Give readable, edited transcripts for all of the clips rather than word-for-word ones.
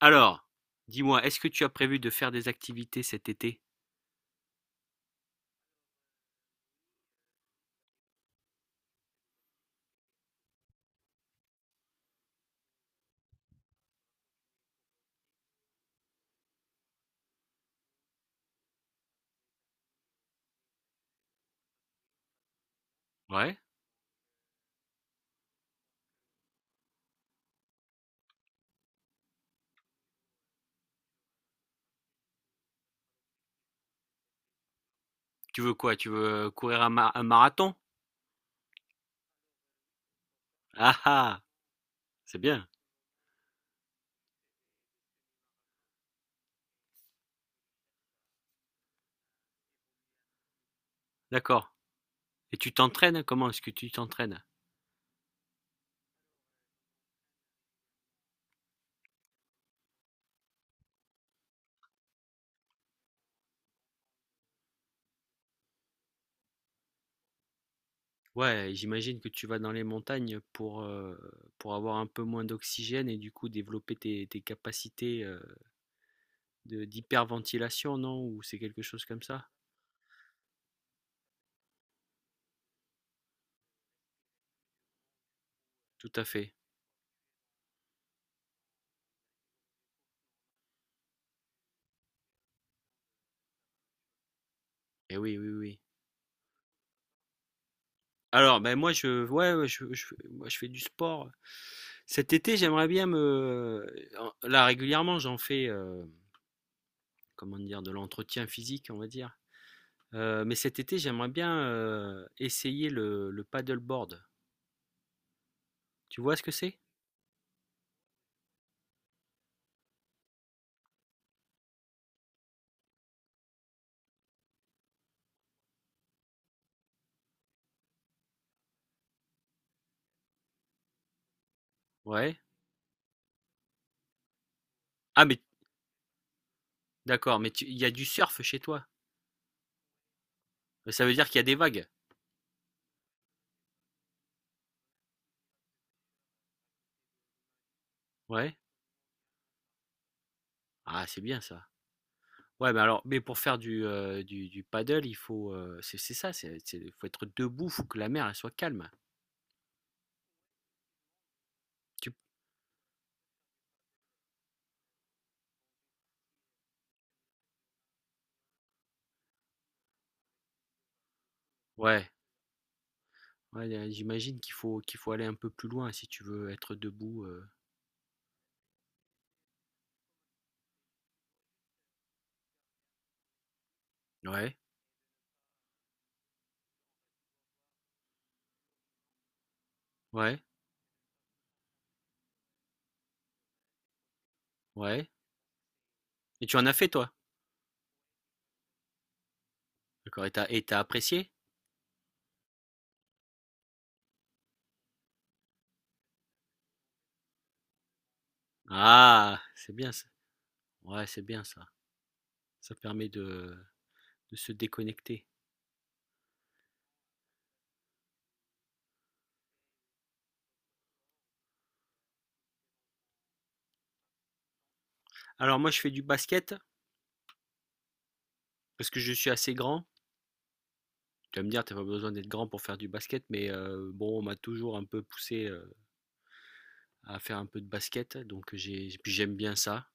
Alors, dis-moi, est-ce que tu as prévu de faire des activités cet été? Ouais. Tu veux quoi? Tu veux courir un marathon? Ah ah, c'est bien. D'accord. Et tu t'entraînes? Comment est-ce que tu t'entraînes? Ouais, j'imagine que tu vas dans les montagnes pour avoir un peu moins d'oxygène et du coup développer tes capacités de, d'hyperventilation, non? Ou c'est quelque chose comme ça? Tout à fait. Et oui, oui, oui. Alors, ben ouais, ouais. Moi, je fais du sport. Cet été, j'aimerais bien me. Là, régulièrement, j'en fais, comment dire, de l'entretien physique, on va dire. Mais cet été, j'aimerais bien essayer le paddleboard. Tu vois ce que c'est? Ouais. Ah, mais d'accord, il y a du surf chez toi. Ça veut dire qu'il y a des vagues. Ouais. Ah, c'est bien ça. Ouais, mais alors, mais pour faire du paddle, il faut. C'est ça, faut être debout, faut que la mer elle soit calme. Tu... Ouais. Ouais, y a j'imagine qu'il faut aller un peu plus loin si tu veux être debout. Ouais, ouais, ouais. Et tu en as fait toi? D'accord et t'as apprécié? Ah! C'est bien ça. Ouais, c'est bien ça. Ça permet de se déconnecter. Alors moi, je fais du basket parce que je suis assez grand. Tu vas me dire: «Tu pas besoin d'être grand pour faire du basket» mais bon, on m'a toujours un peu poussé, à faire un peu de basket donc j'ai puis j'aime bien ça.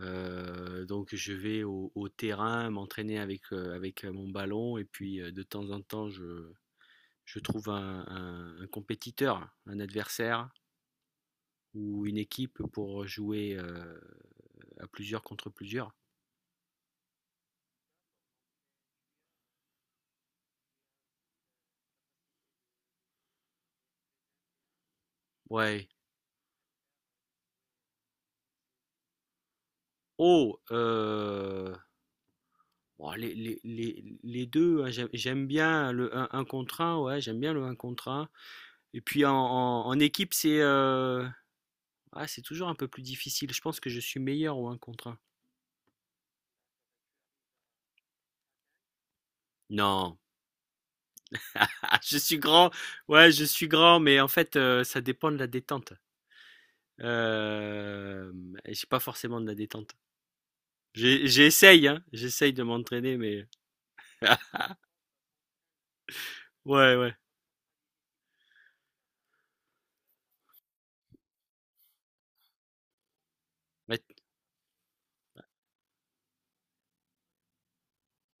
Donc je vais au terrain m'entraîner avec, mon ballon et puis, de temps en temps je trouve un compétiteur, un adversaire ou une équipe pour jouer, à plusieurs contre plusieurs. Ouais. Oh, bon les deux, hein, j'aime bien le un contre un. Ouais, j'aime bien le un contre un. Et puis en équipe c'est, ah c'est toujours un peu plus difficile. Je pense que je suis meilleur au un contre un. Non. Je suis grand, ouais, je suis grand, mais en fait, ça dépend de la détente. J'ai pas forcément de la détente. J'essaye de m'entraîner, mais ouais, ouais. Mais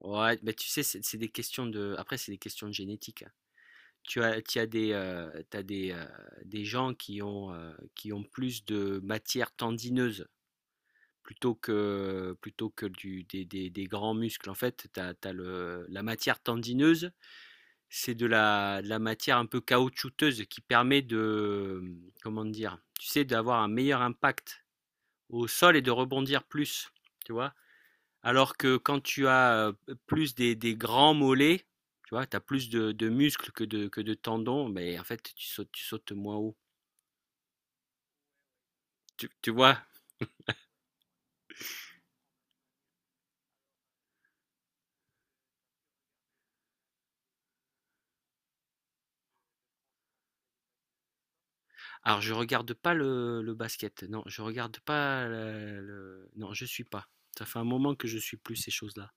ouais, mais tu sais, c'est des questions de après, c'est des questions de génétique, hein. Tu as des gens qui ont, qui ont plus de matière tendineuse plutôt que du des grands muscles. En fait, tu as le la matière tendineuse, c'est de la matière un peu caoutchouteuse qui permet de, comment dire, tu sais, d'avoir un meilleur impact au sol et de rebondir plus, tu vois. Alors que quand tu as plus des grands mollets, tu vois, tu as plus de muscles que de tendons, mais en fait, tu sautes moins haut. Tu vois? Alors, je regarde pas le basket. Non, je suis pas. Ça fait un moment que je suis plus ces choses-là.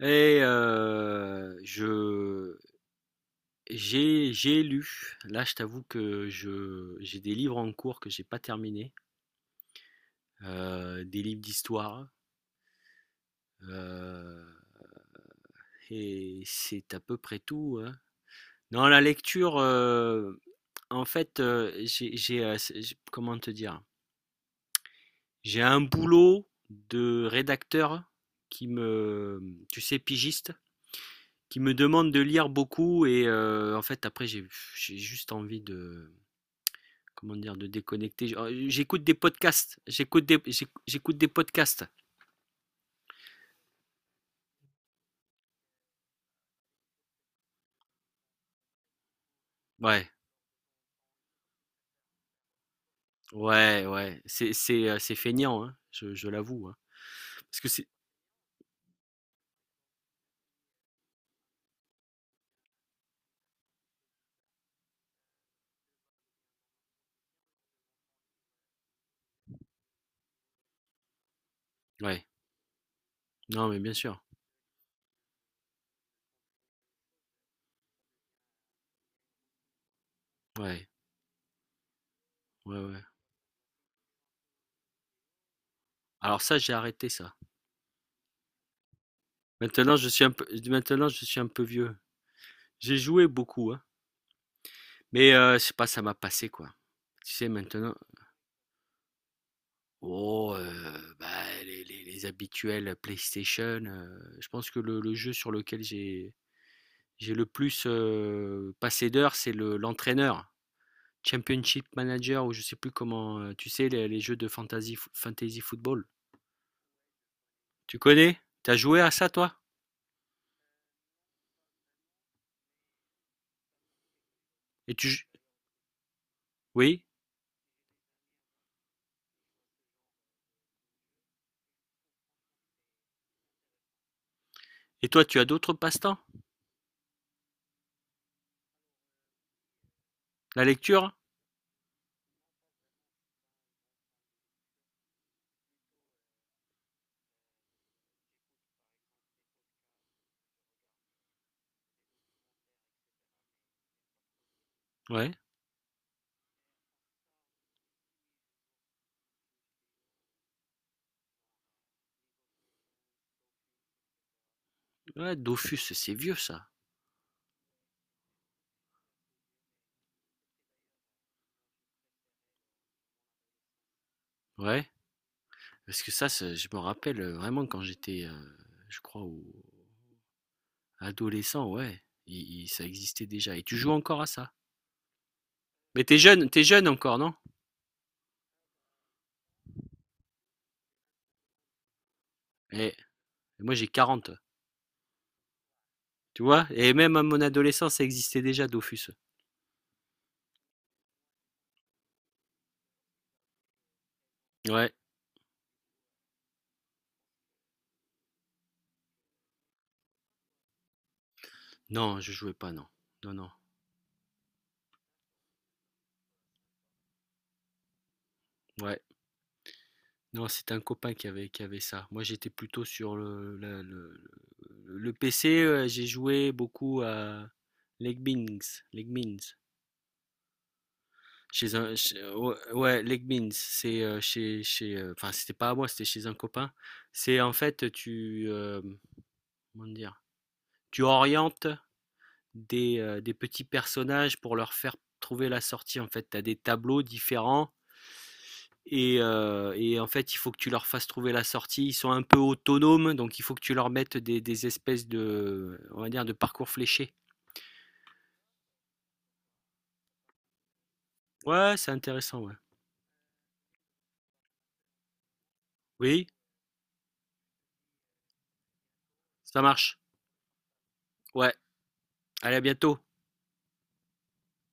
Et je J'ai lu. Là, je t'avoue que je j'ai des livres en cours que j'ai pas terminés, des livres d'histoire, heu et c'est à peu près tout, hein. Non, la lecture, en fait, j'ai, c'est j comment te dire? J'ai un boulot de rédacteur qui me tu sais, pigiste, qui me demande de lire beaucoup et en fait, après j'ai juste envie de comment dire, de déconnecter. J'écoute des podcasts. J'écoute des podcasts. Ouais, ouais, ouais. C'est feignant, hein, je l'avoue, hein. Parce que c'est, ouais. Non, mais bien sûr. Ouais, ouais, ouais. Alors ça, j'ai arrêté ça. Maintenant, je suis un peu vieux. J'ai joué beaucoup, hein. Mais je sais pas, ça m'a passé quoi. Tu sais, maintenant, oh, bah, les habituels PlayStation. Je pense que le jeu sur lequel j'ai le plus passé d'heures, c'est l'entraîneur. Championship Manager ou je sais plus comment, tu sais, les jeux de fantasy, fantasy football. Tu connais? T'as joué à ça, toi? Et tu, oui? Et toi, tu as d'autres passe-temps? La lecture? Ouais. Ouais, Dofus, c'est vieux, ça. Ouais. Parce que ça, je me rappelle vraiment quand j'étais, je crois, adolescent, ouais. Ça existait déjà. Et tu joues encore à ça? Mais t'es jeune encore, non? Eh, moi j'ai 40. Tu vois? Et même à mon adolescence, ça existait déjà, Dofus. Ouais. Non, je jouais pas, non. Non, non. Ouais. Non, c'était un copain qui avait ça. Moi, j'étais plutôt sur le PC. J'ai joué beaucoup à Legbings. Legbings. Ouais, ouais, Legbings. C'est enfin, c'était pas à moi, c'était chez un copain. C'est en fait, comment dire, tu orientes des petits personnages pour leur faire trouver la sortie. En fait, tu as des tableaux différents. Et en fait, il faut que tu leur fasses trouver la sortie. Ils sont un peu autonomes, donc il faut que tu leur mettes des espèces de, on va dire, de parcours fléchés. Ouais, c'est intéressant, ouais. Oui, ça marche. Ouais, allez, à bientôt.